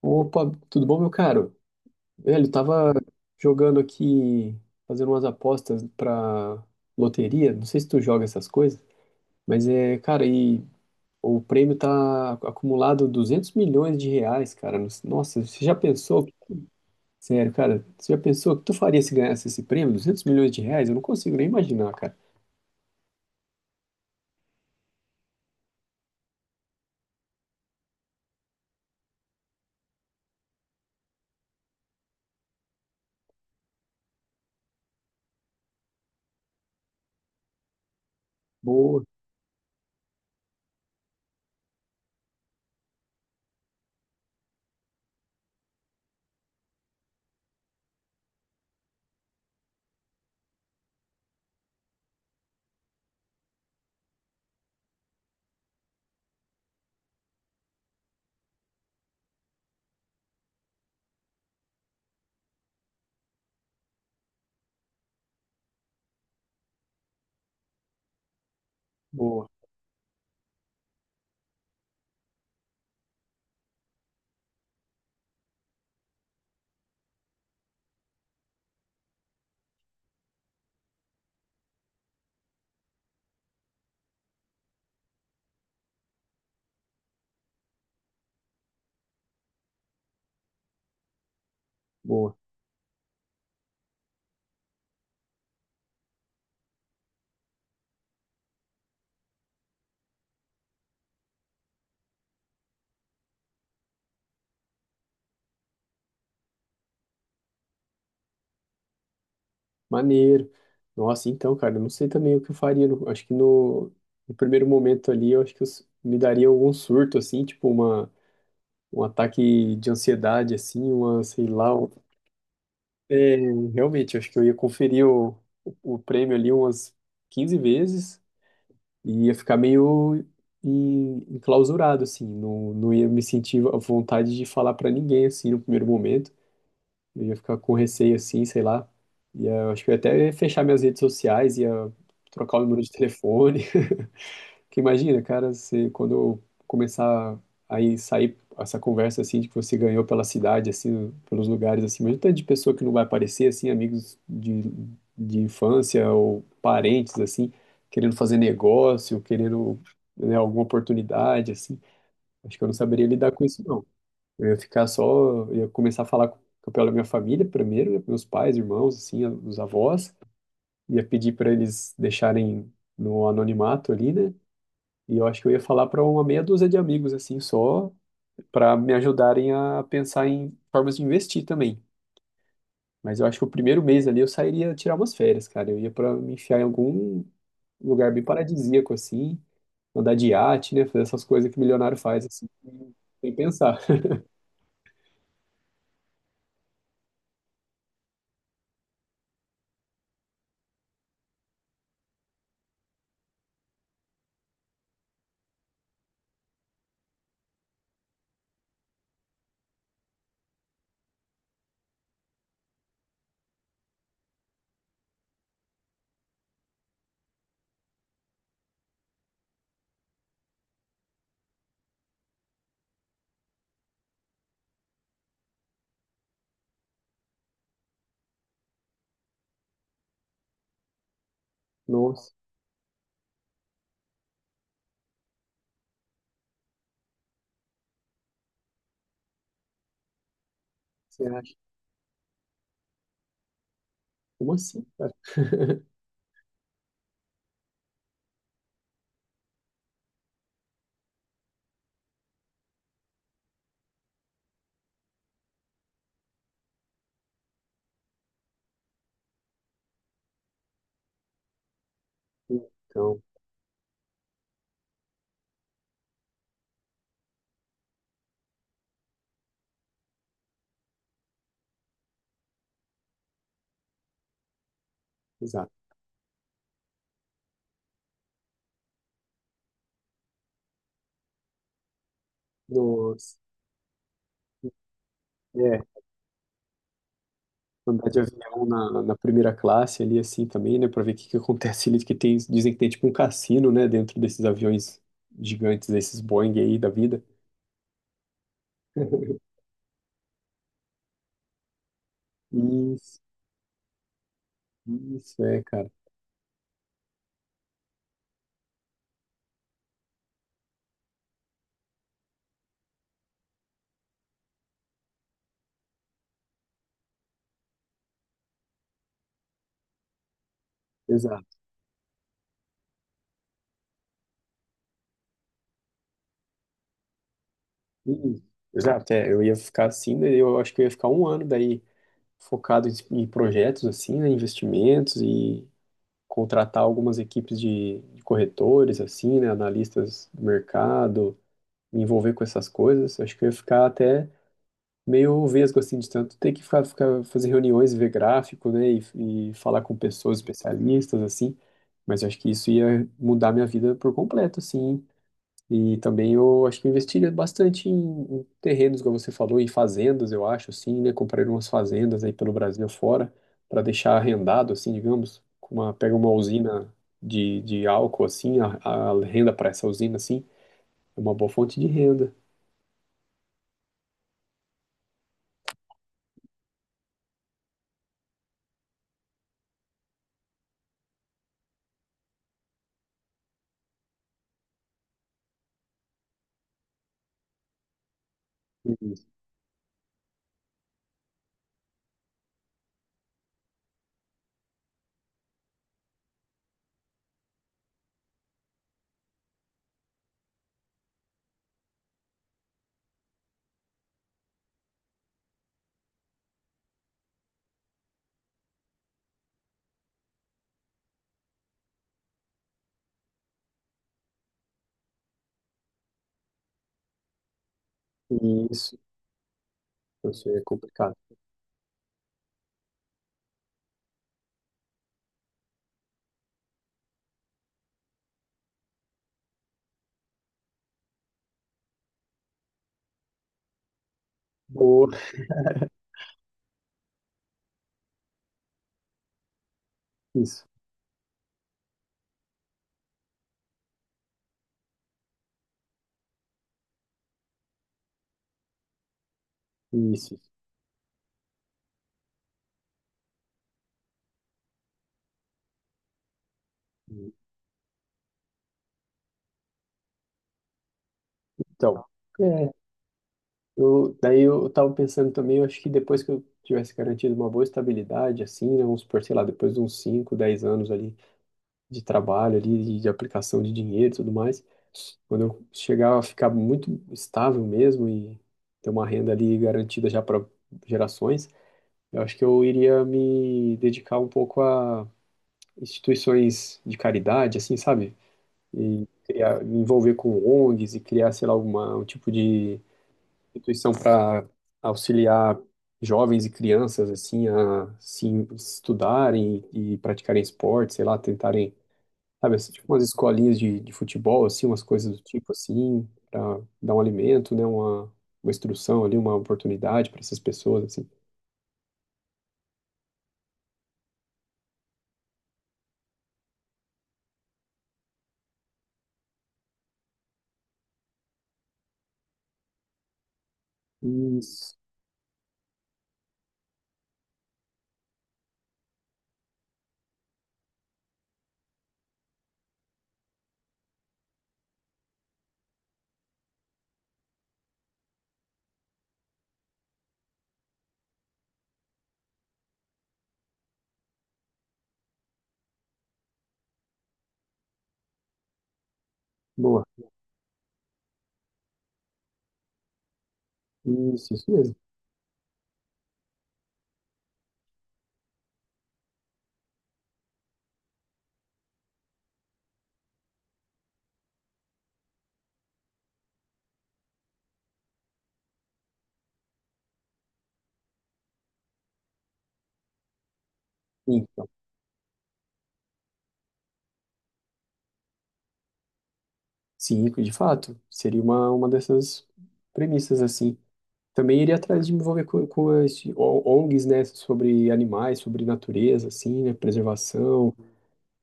Opa, tudo bom, meu caro? Velho, tava jogando aqui, fazendo umas apostas pra loteria. Não sei se tu joga essas coisas, mas é, cara, e o prêmio tá acumulado 200 milhões de reais, cara. Nossa, você já pensou? Sério, cara, você já pensou o que tu faria se ganhasse esse prêmio? 200 milhões de reais? Eu não consigo nem imaginar, cara. Boa, boa, boa. Maneiro. Nossa, então, cara, eu não sei também o que eu faria. Acho que no primeiro momento ali, eu acho que eu me daria algum surto, assim, tipo um ataque de ansiedade, assim, sei lá. É, realmente, eu acho que eu ia conferir o prêmio ali umas 15 vezes e ia ficar meio enclausurado, assim, não ia me sentir à vontade de falar pra ninguém, assim, no primeiro momento. Eu ia ficar com receio assim, sei lá. E eu acho que eu ia até fechar minhas redes sociais, ia trocar o número de telefone. Porque imagina, cara, quando eu começar aí sair essa conversa assim de que você ganhou pela cidade, assim, pelos lugares, assim, mas o tanto de pessoa que não vai aparecer, assim, amigos de infância ou parentes, assim, querendo fazer negócio, querendo, né, alguma oportunidade, assim. Acho que eu não saberia lidar com isso, não. Eu ia ficar só, ia começar a falar com o pessoal da minha família primeiro, né? Meus pais, irmãos, assim, os avós. Ia pedir para eles deixarem no anonimato ali, né? E eu acho que eu ia falar para uma meia dúzia de amigos, assim, só para me ajudarem a pensar em formas de investir também. Mas eu acho que o primeiro mês ali eu sairia tirar umas férias, cara. Eu ia para me enfiar em algum lugar bem paradisíaco, assim, andar de iate, né? Fazer essas coisas que milionário faz, assim, sem pensar. Nossa, você acha? Como assim, cara? Então, exato. Nossa. É, andar de avião na primeira classe ali assim também, né, pra ver o que que acontece ali, dizem que tem tipo um cassino, né, dentro desses aviões gigantes, esses Boeing aí da vida. Isso, isso é, cara. Exato. Isso, exato, é, eu ia ficar assim, né, eu acho que eu ia ficar um ano daí focado em projetos assim, né, investimentos e contratar algumas equipes de corretores assim, né, analistas do mercado me envolver com essas coisas. Acho que eu ia ficar até meio vesgo, assim, de tanto ter que ficar, fazer reuniões, ver gráfico, né, e falar com pessoas especialistas, assim. Mas eu acho que isso ia mudar minha vida por completo, assim. E também eu acho que eu investiria bastante em terrenos, como você falou, em fazendas, eu acho, assim, né? Comprar umas fazendas aí pelo Brasil fora, para deixar arrendado, assim, digamos, com pega uma usina de álcool, assim, a renda para essa usina, assim, é uma boa fonte de renda. Isso, isso é complicado. Boa, isso, isso. Isso. Então, é, daí eu tava pensando também, eu acho que depois que eu tivesse garantido uma boa estabilidade, assim, né, vamos supor, sei lá, depois de uns 5, 10 anos ali de trabalho, ali, de aplicação de dinheiro e tudo mais, quando eu chegar a ficar muito estável mesmo e ter uma renda ali garantida já para gerações, eu acho que eu iria me dedicar um pouco a instituições de caridade, assim, sabe? E criar, me envolver com ONGs e criar, sei lá, alguma, um tipo de instituição para auxiliar jovens e crianças, assim, a se estudarem e praticarem esporte, sei lá, tentarem, sabe, assim, tipo umas escolinhas de futebol, assim, umas coisas do tipo, assim, para dar um alimento, né, uma instrução ali, uma oportunidade para essas pessoas, assim. Isso, boa. Isso mesmo. Sim, então, sim, de fato, seria uma dessas premissas, assim. Também iria atrás de me envolver com ONGs, né, sobre animais, sobre natureza, assim, né, preservação,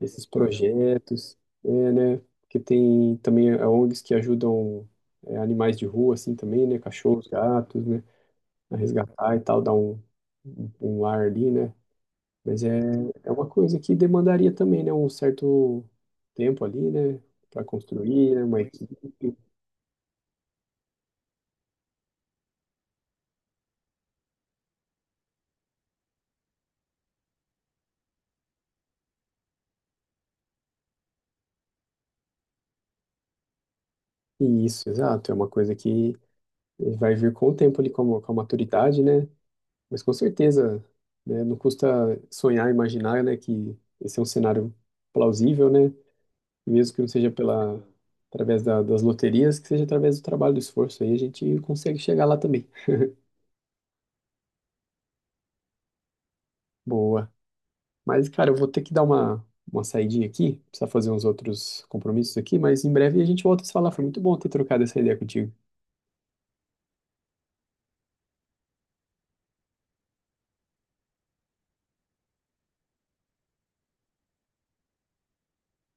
esses projetos, é, né, que tem também ONGs que ajudam animais de rua, assim, também, né, cachorros, gatos, né, a resgatar e tal, dar um, um lar ali, né, mas é, é uma coisa que demandaria também, né, um certo tempo ali, né, para construir, né, uma equipe, e isso, exato, é uma coisa que vai vir com o tempo ali, com a maturidade, né, mas com certeza, né, não custa sonhar, imaginar, né, que esse é um cenário plausível, né? E mesmo que não seja pela através das loterias, que seja através do trabalho, do esforço, aí a gente consegue chegar lá também. Boa. Mas, cara, eu vou ter que dar uma saidinha aqui, precisar fazer uns outros compromissos aqui, mas em breve a gente volta a se falar. Foi muito bom ter trocado essa ideia contigo.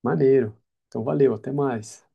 Maneiro. Então, valeu, até mais.